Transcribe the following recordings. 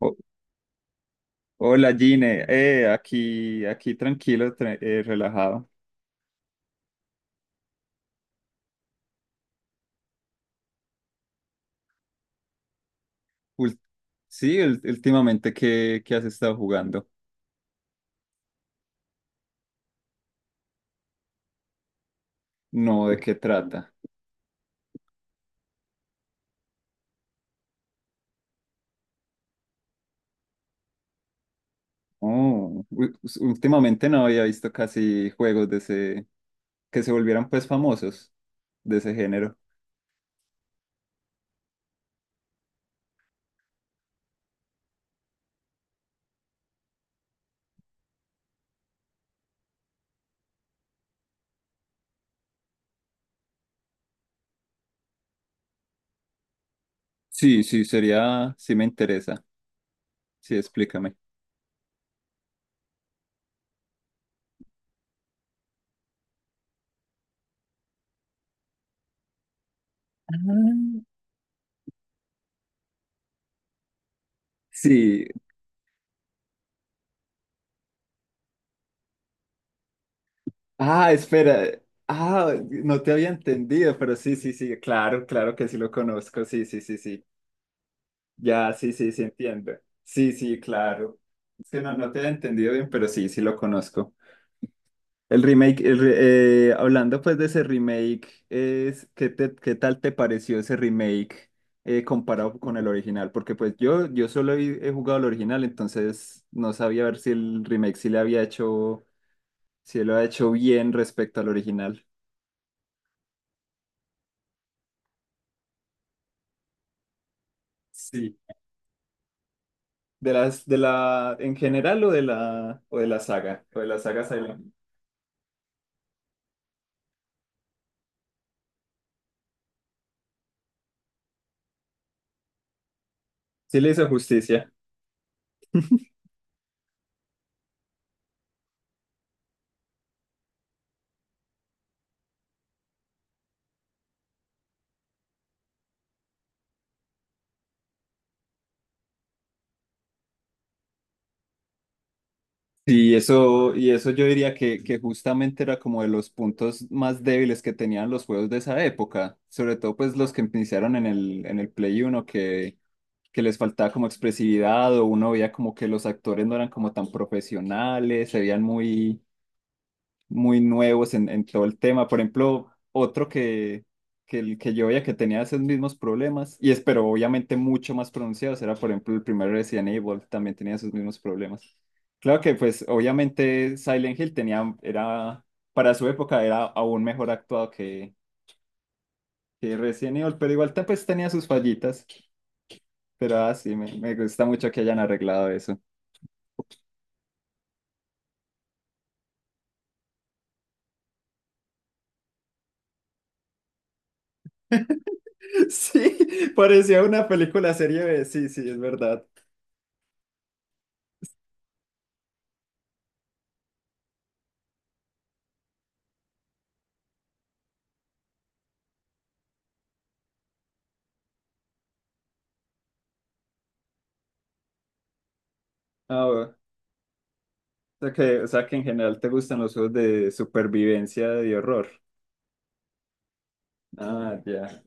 Ho- Hola Gine, aquí tranquilo, relajado. Ul- sí, últimamente, qué has estado jugando? No, ¿de qué trata? Oh, últimamente no había visto casi juegos de ese, que se volvieran pues famosos de ese género. Sí, sí, sería, sí me interesa. Sí, explícame. Ah. Sí. Ah, espera. Ah, no te había entendido, pero sí, sí, sí, claro, claro que sí lo conozco. Sí, sí, sí, sí. Ya, sí, sí, sí, entiendo. Sí, sí, claro. Es que no, no te he entendido bien, pero sí, sí lo conozco. El remake, hablando pues de ese remake, es, qué tal te pareció ese remake comparado con el original? Porque pues yo solo he jugado el original, entonces no sabía ver si el remake sí le había hecho, si lo ha hecho bien respecto al original. Sí. De las, de la, En general o de la saga Silent Hill. Sí le hizo justicia. Y eso, yo diría que justamente era como de los puntos más débiles que tenían los juegos de esa época, sobre todo pues los que iniciaron en el Play uno, que les faltaba como expresividad, o uno veía como que los actores no eran como tan profesionales, se veían muy, muy nuevos en todo el tema. Por ejemplo, otro el que yo veía que tenía esos mismos problemas, pero obviamente mucho más pronunciados, era por ejemplo el primer Resident Evil, también tenía esos mismos problemas. Claro que pues obviamente Silent Hill era, para su época era aún mejor actuado que Resident Evil, pero igual pues tenía sus fallitas. Pero así, me gusta mucho que hayan arreglado eso. Sí, parecía una película serie B, sí, sí, es verdad. Ah, bueno. sea que, o sea que, en general te gustan los juegos de supervivencia y horror. Ah, ya.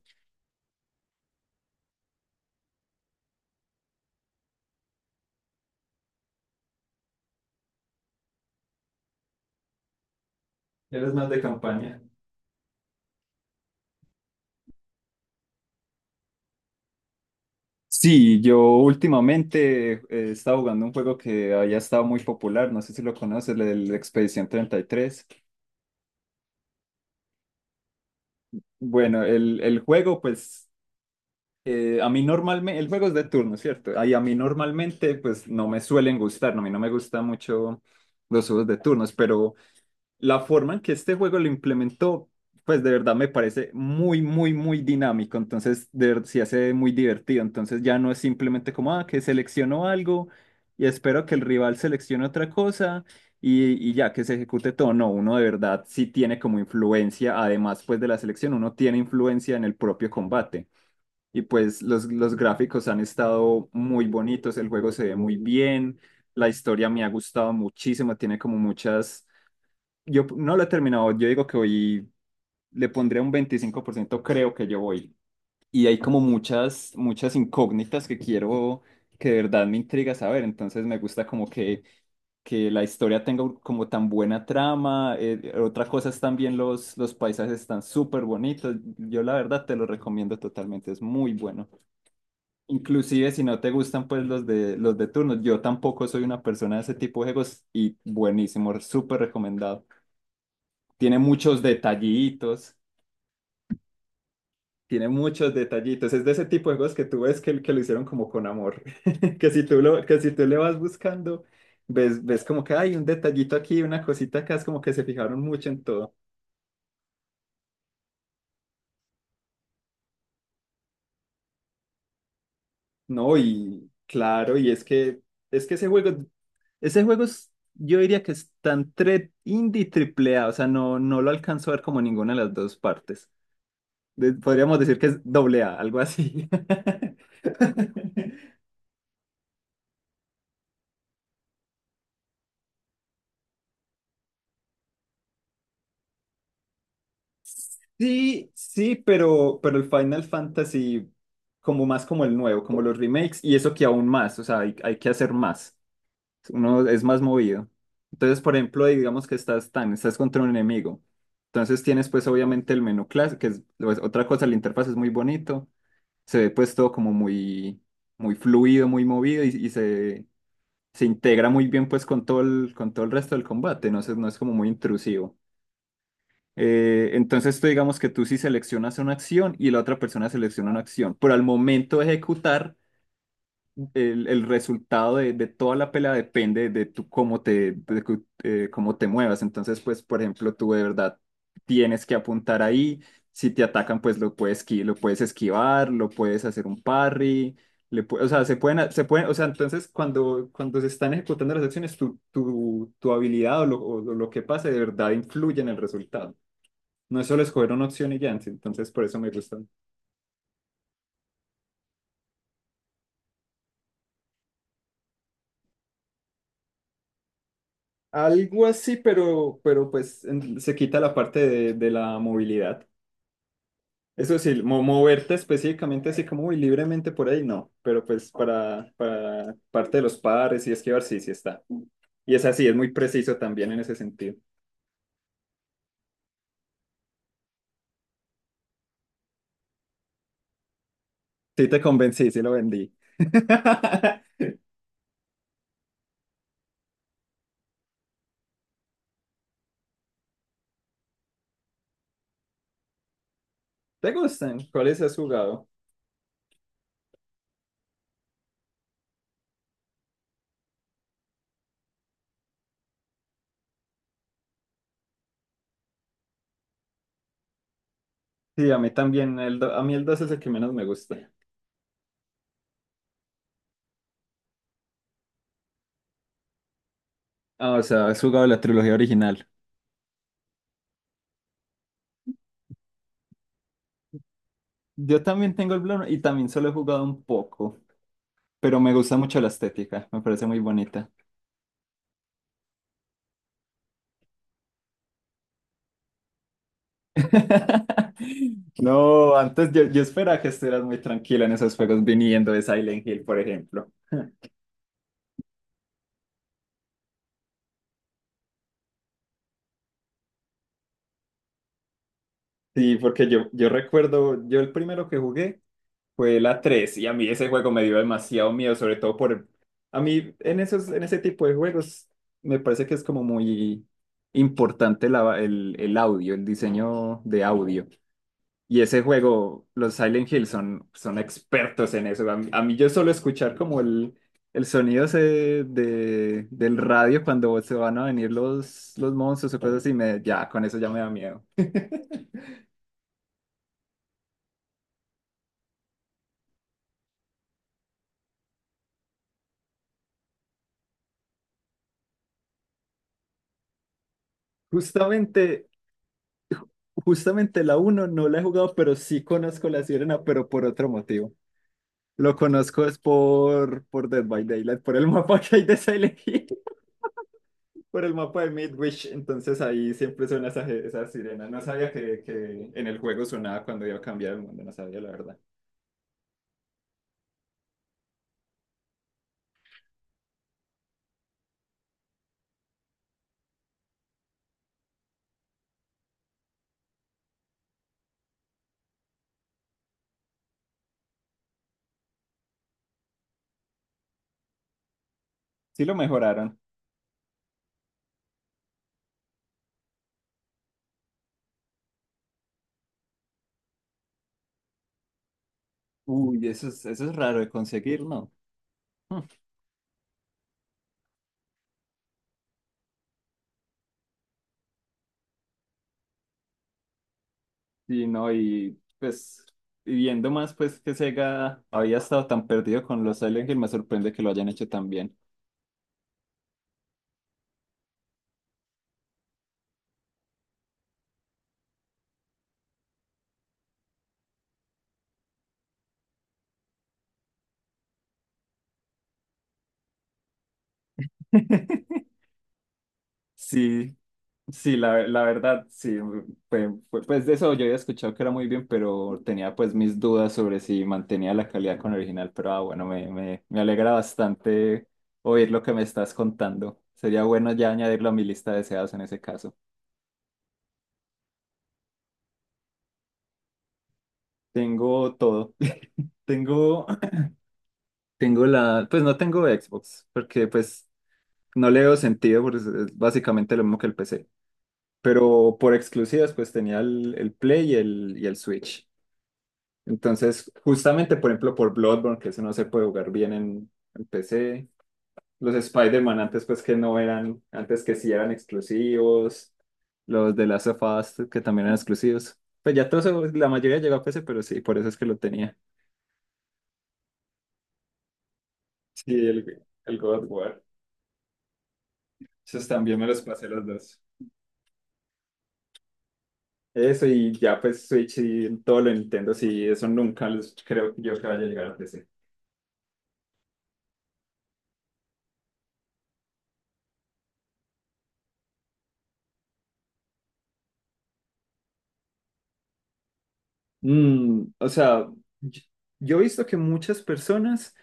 Eres más de campaña. Sí, yo últimamente he estado jugando un juego que había estado muy popular, no sé si lo conoces, el Expedición 33. Bueno, el juego, pues, a mí normalmente, el juego es de turno, ¿cierto? Ahí a mí normalmente, pues, no me suelen gustar, no, a mí no me gustan mucho los juegos de turnos, pero la forma en que este juego lo implementó, pues de verdad me parece muy, muy, muy dinámico. Entonces, de verdad, sí hace muy divertido. Entonces ya no es simplemente como, ah, que selecciono algo y espero que el rival seleccione otra cosa y ya que se ejecute todo. No, uno de verdad sí tiene como influencia, además pues de la selección, uno tiene influencia en el propio combate. Y pues los gráficos han estado muy bonitos, el juego se ve muy bien, la historia me ha gustado muchísimo, tiene como muchas, yo no lo he terminado, yo digo que hoy le pondré un 25% creo que yo voy. Y hay como muchas, muchas incógnitas que quiero, que de verdad me intriga saber, entonces me gusta como que la historia tenga como tan buena trama. Otra cosa es también los paisajes están súper bonitos, yo la verdad te lo recomiendo totalmente, es muy bueno. Inclusive si no te gustan pues los de turnos, yo tampoco soy una persona de ese tipo de juegos, y buenísimo, súper recomendado, tiene muchos detallitos, tiene muchos detallitos. Es de ese tipo de juegos que tú ves que lo hicieron como con amor. Que si tú le vas buscando, ves como que hay un detallito aquí, una cosita acá, es como que se fijaron mucho en todo. No, y claro, y es que ese juego, yo diría que es tan indie triple A, o sea, no, no lo alcanzo a ver como ninguna de las dos partes. Podríamos decir que es doble A, algo así. Sí, sí, pero el Final Fantasy como más como el nuevo, como los remakes, y eso que aún más, o sea, hay que hacer más, uno es más movido. Entonces, por ejemplo, digamos que estás contra un enemigo, entonces tienes pues obviamente el menú clásico, que es pues, otra cosa, la interfaz es muy bonito, se ve pues todo como muy, muy fluido, muy movido y se integra muy bien pues con con todo el resto del combate, no es como muy intrusivo. Entonces tú digamos que tú sí seleccionas una acción y la otra persona selecciona una acción, pero al momento de ejecutar, el resultado de toda la pelea depende de tú cómo te, de cu- cómo te muevas. Entonces, pues, por ejemplo, tú de verdad tienes que apuntar ahí. Si te atacan, pues lo puedes esquivar, lo puedes hacer un parry. O sea, se pueden, o sea, entonces cuando se están ejecutando las acciones, tu habilidad o o lo que pase de verdad influye en el resultado. No es solo escoger una opción y ya, entonces por eso me gusta. Algo así, pero pues se quita la parte de la movilidad. Eso sí, moverte específicamente así como muy libremente por ahí, no, pero pues para parte de los pares y esquivar, sí, sí está. Y es así, es muy preciso también en ese sentido. Sí te convencí, sí lo vendí. ¿Te gustan? ¿Cuáles has jugado? Sí, a mí también, a mí el 2 es el que menos me gusta. Ah, o sea, has jugado la trilogía original. Yo también tengo el Bloodborne y también solo he jugado un poco, pero me gusta mucho la estética, me parece muy bonita. No, antes yo esperaba que estuvieras muy tranquila en esos juegos viniendo de Silent Hill, por ejemplo. Sí, porque yo recuerdo, yo el primero que jugué fue la 3 y a mí ese juego me dio demasiado miedo, sobre todo por... A mí en ese tipo de juegos me parece que es como muy importante el audio, el diseño de audio. Y ese juego, los Silent Hill son expertos en eso. A mí, yo solo escuchar como el sonido ese del radio cuando se van a venir los monstruos o cosas así, ya, con eso ya me da miedo. Justamente, justamente la uno no la he jugado, pero sí conozco la sirena, pero por otro motivo. Lo conozco es por Dead by Daylight, por el mapa que hay de Silent Hill. Por el mapa de Midwich, entonces ahí siempre suena esa sirena. No sabía que en el juego sonaba cuando iba a cambiar el mundo, no sabía la verdad. Sí lo mejoraron. Uy, eso es raro de conseguir, ¿no? Hmm. Sí, no, y pues viendo más pues que Sega había estado tan perdido con los Silent Hill, me sorprende que lo hayan hecho tan bien. Sí, sí, la verdad, sí, pues pues de eso yo había escuchado que era muy bien, pero tenía pues mis dudas sobre si mantenía la calidad con el original, pero ah, bueno, me alegra bastante oír lo que me estás contando. Sería bueno ya añadirlo a mi lista de deseados en ese caso. Tengo todo. Tengo, pues no tengo Xbox, porque pues no le veo sentido, porque es básicamente lo mismo que el PC. Pero por exclusivas, pues tenía el Play y el Switch. Entonces, justamente, por ejemplo, por Bloodborne, que eso no se puede jugar bien en PC. Los Spider-Man antes, pues que no eran, antes que sí eran exclusivos. Los de Last of Us, que también eran exclusivos. Pues ya todo eso, la mayoría llegó a PC, pero sí, por eso es que lo tenía. Sí, el God of War. Esos también me los pasé los dos. Eso y ya pues Switch y todo lo de Nintendo, sí, eso nunca creo yo que vaya a llegar a PC. O sea, yo yo he visto que muchas personas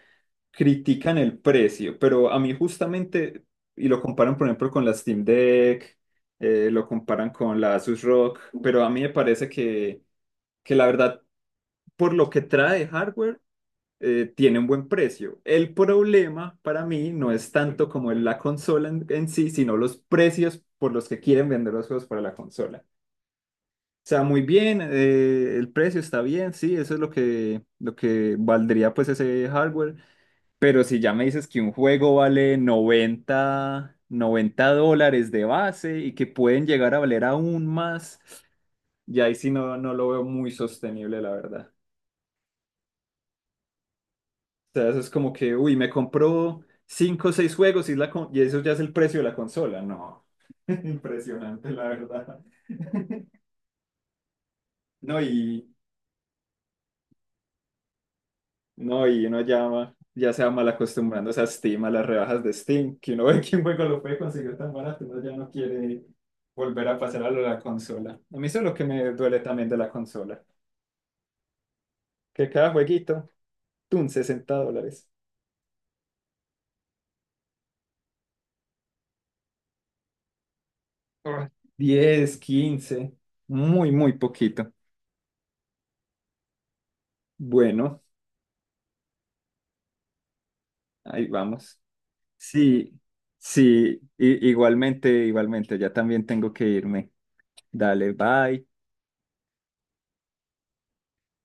critican el precio, pero a mí justamente, y lo comparan por ejemplo con la Steam Deck, lo comparan con la Asus ROG, pero a mí me parece que la verdad, por lo que trae hardware, tiene un buen precio. El problema para mí no es tanto como la consola en sí, sino los precios por los que quieren vender los juegos para la consola. O sea, muy bien, el precio está bien, sí, eso es lo que valdría pues ese hardware, pero si ya me dices que un juego vale noventa dólares de base y que pueden llegar a valer aún más, ya ahí sí no, no lo veo muy sostenible, la verdad. O sea, eso es como que, uy, me compró 5 o 6 juegos y eso ya es el precio de la consola. No. Impresionante, la verdad. No, y, No, y uno llama, ya se va mal acostumbrándose a Steam, a las rebajas de Steam, que uno ve que un juego lo puede conseguir tan barato, uno ya no quiere volver a pasar a lo de la consola. A mí eso es lo que me duele también de la consola, que cada jueguito, tun, $60. Ah. 10, 15, muy, muy poquito. Bueno, ahí vamos. Sí, sí, igualmente, igualmente, ya también tengo que irme. Dale, bye.